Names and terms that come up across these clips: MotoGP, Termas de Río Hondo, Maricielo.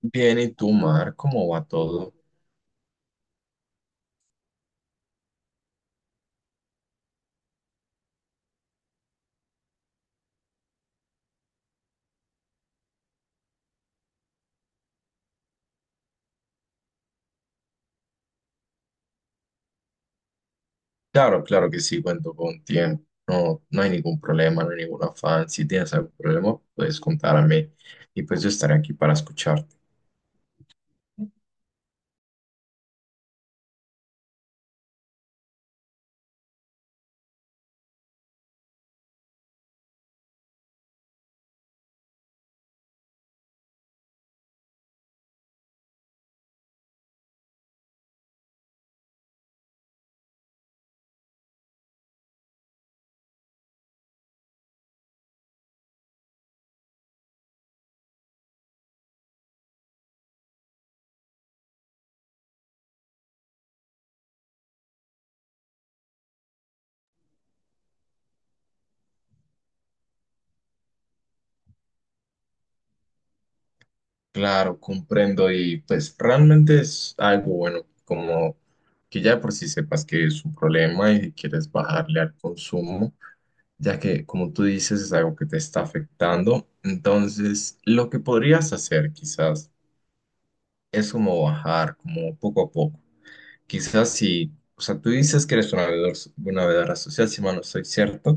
Bien, ¿y tú, Mar? ¿Cómo va todo? Claro, claro que sí, cuento con tiempo. No, no hay ningún problema, no hay ningún afán. Si tienes algún problema, puedes contarme y pues yo estaré aquí para escucharte. Claro, comprendo y pues realmente es algo bueno, como que ya de por si sepas que es un problema y que quieres bajarle al consumo, ya que como tú dices es algo que te está afectando. Entonces, lo que podrías hacer quizás es como bajar como poco a poco. Quizás si, o sea, tú dices que eres una bebedora social, si mal no estoy cierto.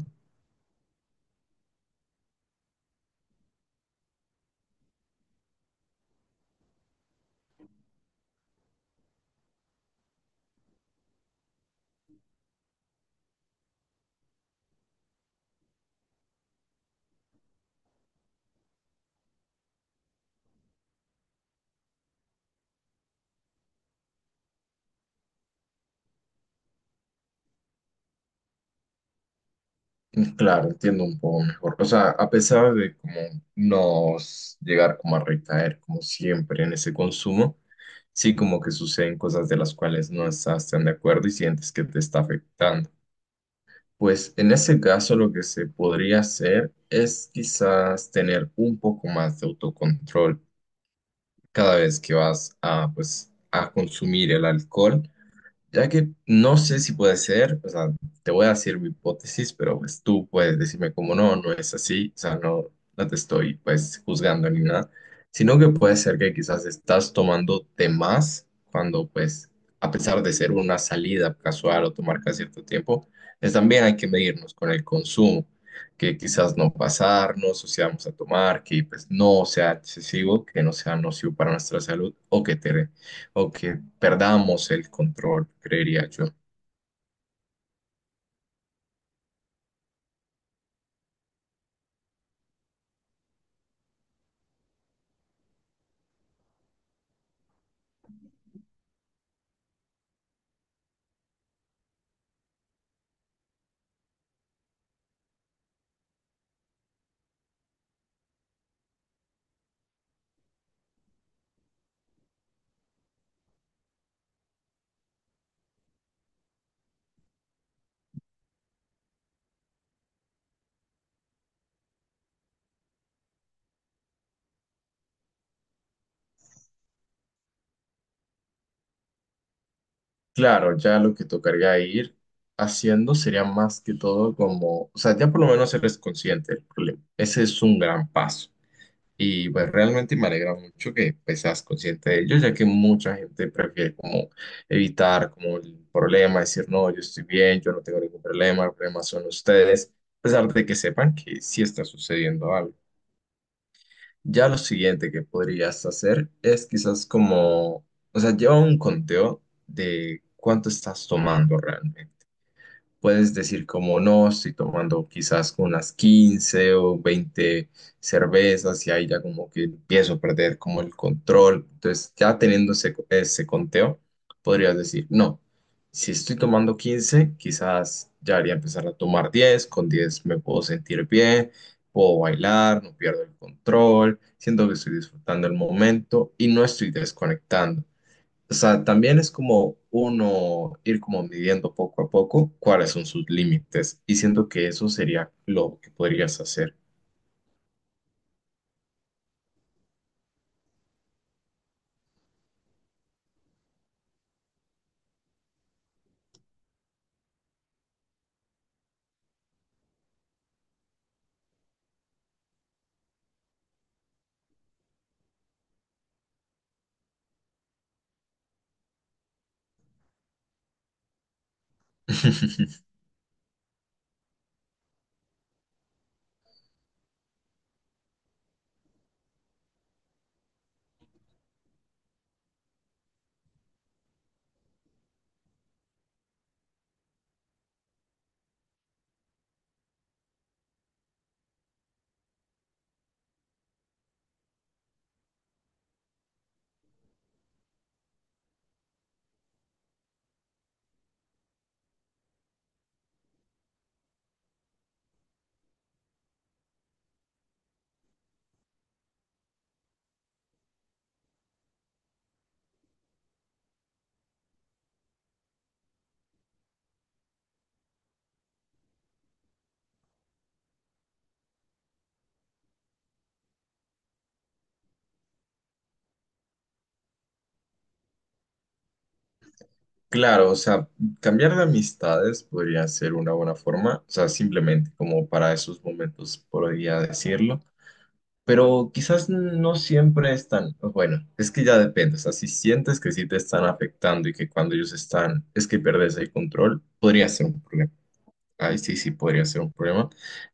Claro, entiendo un poco mejor. O sea, a pesar de como no s- llegar como a recaer como siempre en ese consumo, sí como que suceden cosas de las cuales no estás tan de acuerdo y sientes que te está afectando. Pues en ese caso lo que se podría hacer es quizás tener un poco más de autocontrol cada vez que vas a pues a consumir el alcohol. Ya que no sé si puede ser, o sea, te voy a decir mi hipótesis, pero pues tú puedes decirme como no, no es así, o sea, no, no te estoy pues juzgando ni nada, sino que puede ser que quizás estás tomando de más cuando pues, a pesar de ser una salida casual o tomar cada cierto tiempo, es también hay que medirnos con el consumo, que quizás no pasarnos, o si vamos a tomar, que pues no sea excesivo, que no sea nocivo para nuestra salud o que te o que perdamos el control, creería yo. Claro, ya lo que tocaría ir haciendo sería más que todo como, o sea, ya por lo menos eres consciente del problema. Ese es un gran paso. Y pues realmente me alegra mucho que pues, seas consciente de ello, ya que mucha gente prefiere como evitar como el problema, decir, no, yo estoy bien, yo no tengo ningún problema, el problema son ustedes, a pesar de que sepan que sí está sucediendo algo. Ya lo siguiente que podrías hacer es quizás como, o sea, lleva un conteo de cuánto estás tomando realmente. Puedes decir como no, estoy tomando quizás unas 15 o 20 cervezas y ahí ya como que empiezo a perder como el control. Entonces ya teniendo ese conteo, podrías decir, no, si estoy tomando 15 quizás ya haría empezar a tomar 10, con 10 me puedo sentir bien, puedo bailar, no pierdo el control, siento que estoy disfrutando el momento y no estoy desconectando. O sea, también es como uno ir como midiendo poco a poco cuáles son sus límites y siento que eso sería lo que podrías hacer. Claro, o sea, cambiar de amistades podría ser una buena forma, o sea, simplemente como para esos momentos podría decirlo, pero quizás no siempre están, bueno, es que ya depende, o sea, si sientes que sí te están afectando y que cuando ellos están es que perdes el control, podría ser un problema. Ahí sí, sí podría ser un problema,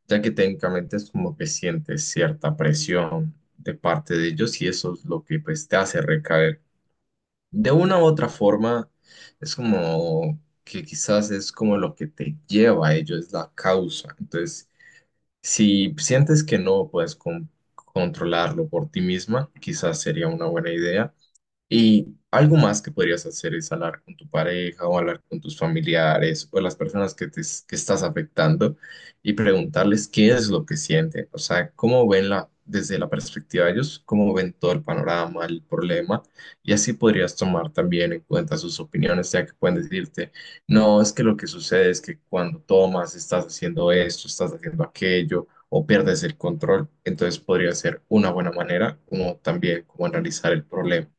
ya que técnicamente es como que sientes cierta presión de parte de ellos y eso es lo que pues te hace recaer. De una u otra forma, es como que quizás es como lo que te lleva a ello, es la causa. Entonces, si sientes que no puedes controlarlo por ti misma, quizás sería una buena idea y algo más que podrías hacer es hablar con tu pareja o hablar con tus familiares o las personas que estás afectando y preguntarles qué es lo que sienten, o sea, cómo ven la, desde la perspectiva de ellos, cómo ven todo el panorama, el problema, y así podrías tomar también en cuenta sus opiniones, ya que pueden decirte, no, es que lo que sucede es que cuando tomas estás haciendo esto, estás haciendo aquello o pierdes el control, entonces podría ser una buena manera como también como analizar el problema.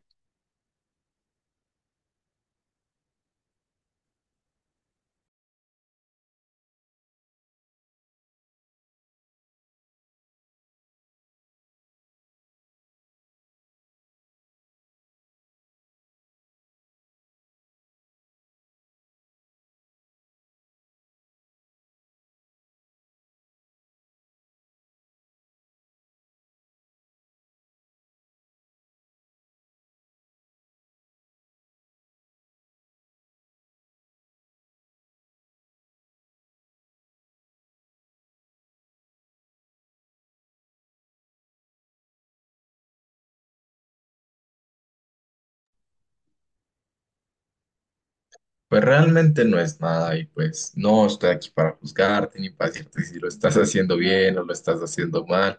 Pues realmente no es nada y pues no estoy aquí para juzgarte ni para decirte si lo estás haciendo bien o lo estás haciendo mal.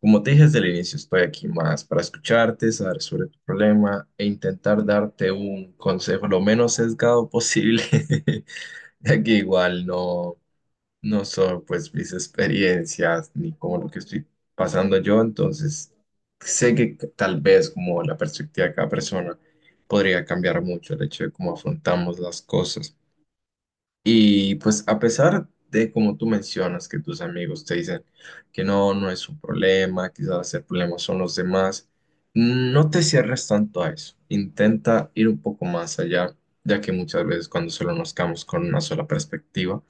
Como te dije desde el inicio, estoy aquí más para escucharte, saber sobre tu problema e intentar darte un consejo lo menos sesgado posible, ya que igual no, no son pues mis experiencias ni como lo que estoy pasando yo, entonces sé que tal vez como la perspectiva de cada persona podría cambiar mucho el hecho de cómo afrontamos las cosas. Y pues a pesar de como tú mencionas que tus amigos te dicen que no, no es un problema, quizás el problema son los demás, no te cierres tanto a eso. Intenta ir un poco más allá, ya que muchas veces cuando solo nos quedamos con una sola perspectiva,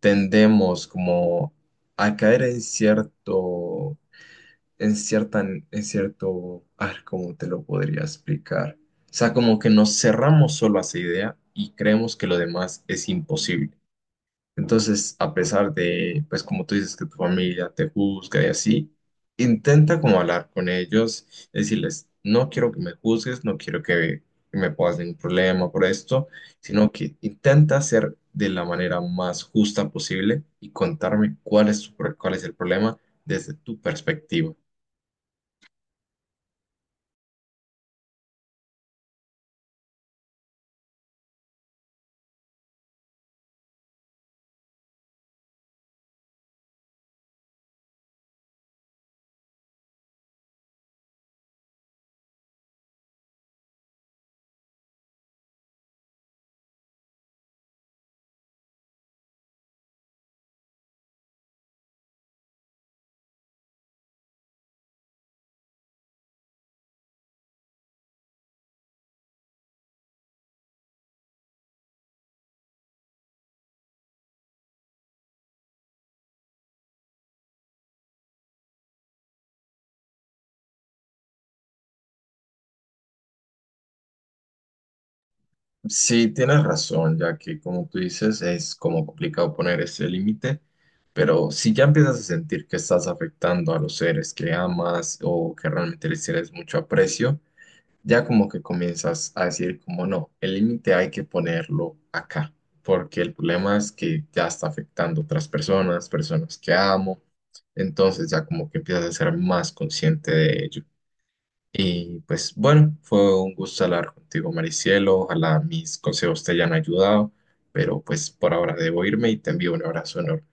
tendemos como a caer en cierto, en cierto, a ver, ¿cómo te lo podría explicar? O sea, como que nos cerramos solo a esa idea y creemos que lo demás es imposible. Entonces, a pesar de, pues como tú dices, que tu familia te juzga y así, intenta como hablar con ellos, decirles, no quiero que me juzgues, no quiero que me pongas ningún problema por esto, sino que intenta ser de la manera más justa posible y contarme cuál es, cuál es el problema desde tu perspectiva. Sí, tienes razón, ya que como tú dices, es como complicado poner ese límite. Pero si ya empiezas a sentir que estás afectando a los seres que amas o que realmente les tienes mucho aprecio, ya como que comienzas a decir como no, el límite hay que ponerlo acá, porque el problema es que ya está afectando a otras personas, personas que amo, entonces ya como que empiezas a ser más consciente de ello. Y pues bueno, fue un gusto hablar contigo, Maricielo, ojalá mis consejos te hayan ayudado, pero pues por ahora debo irme y te envío un abrazo enorme.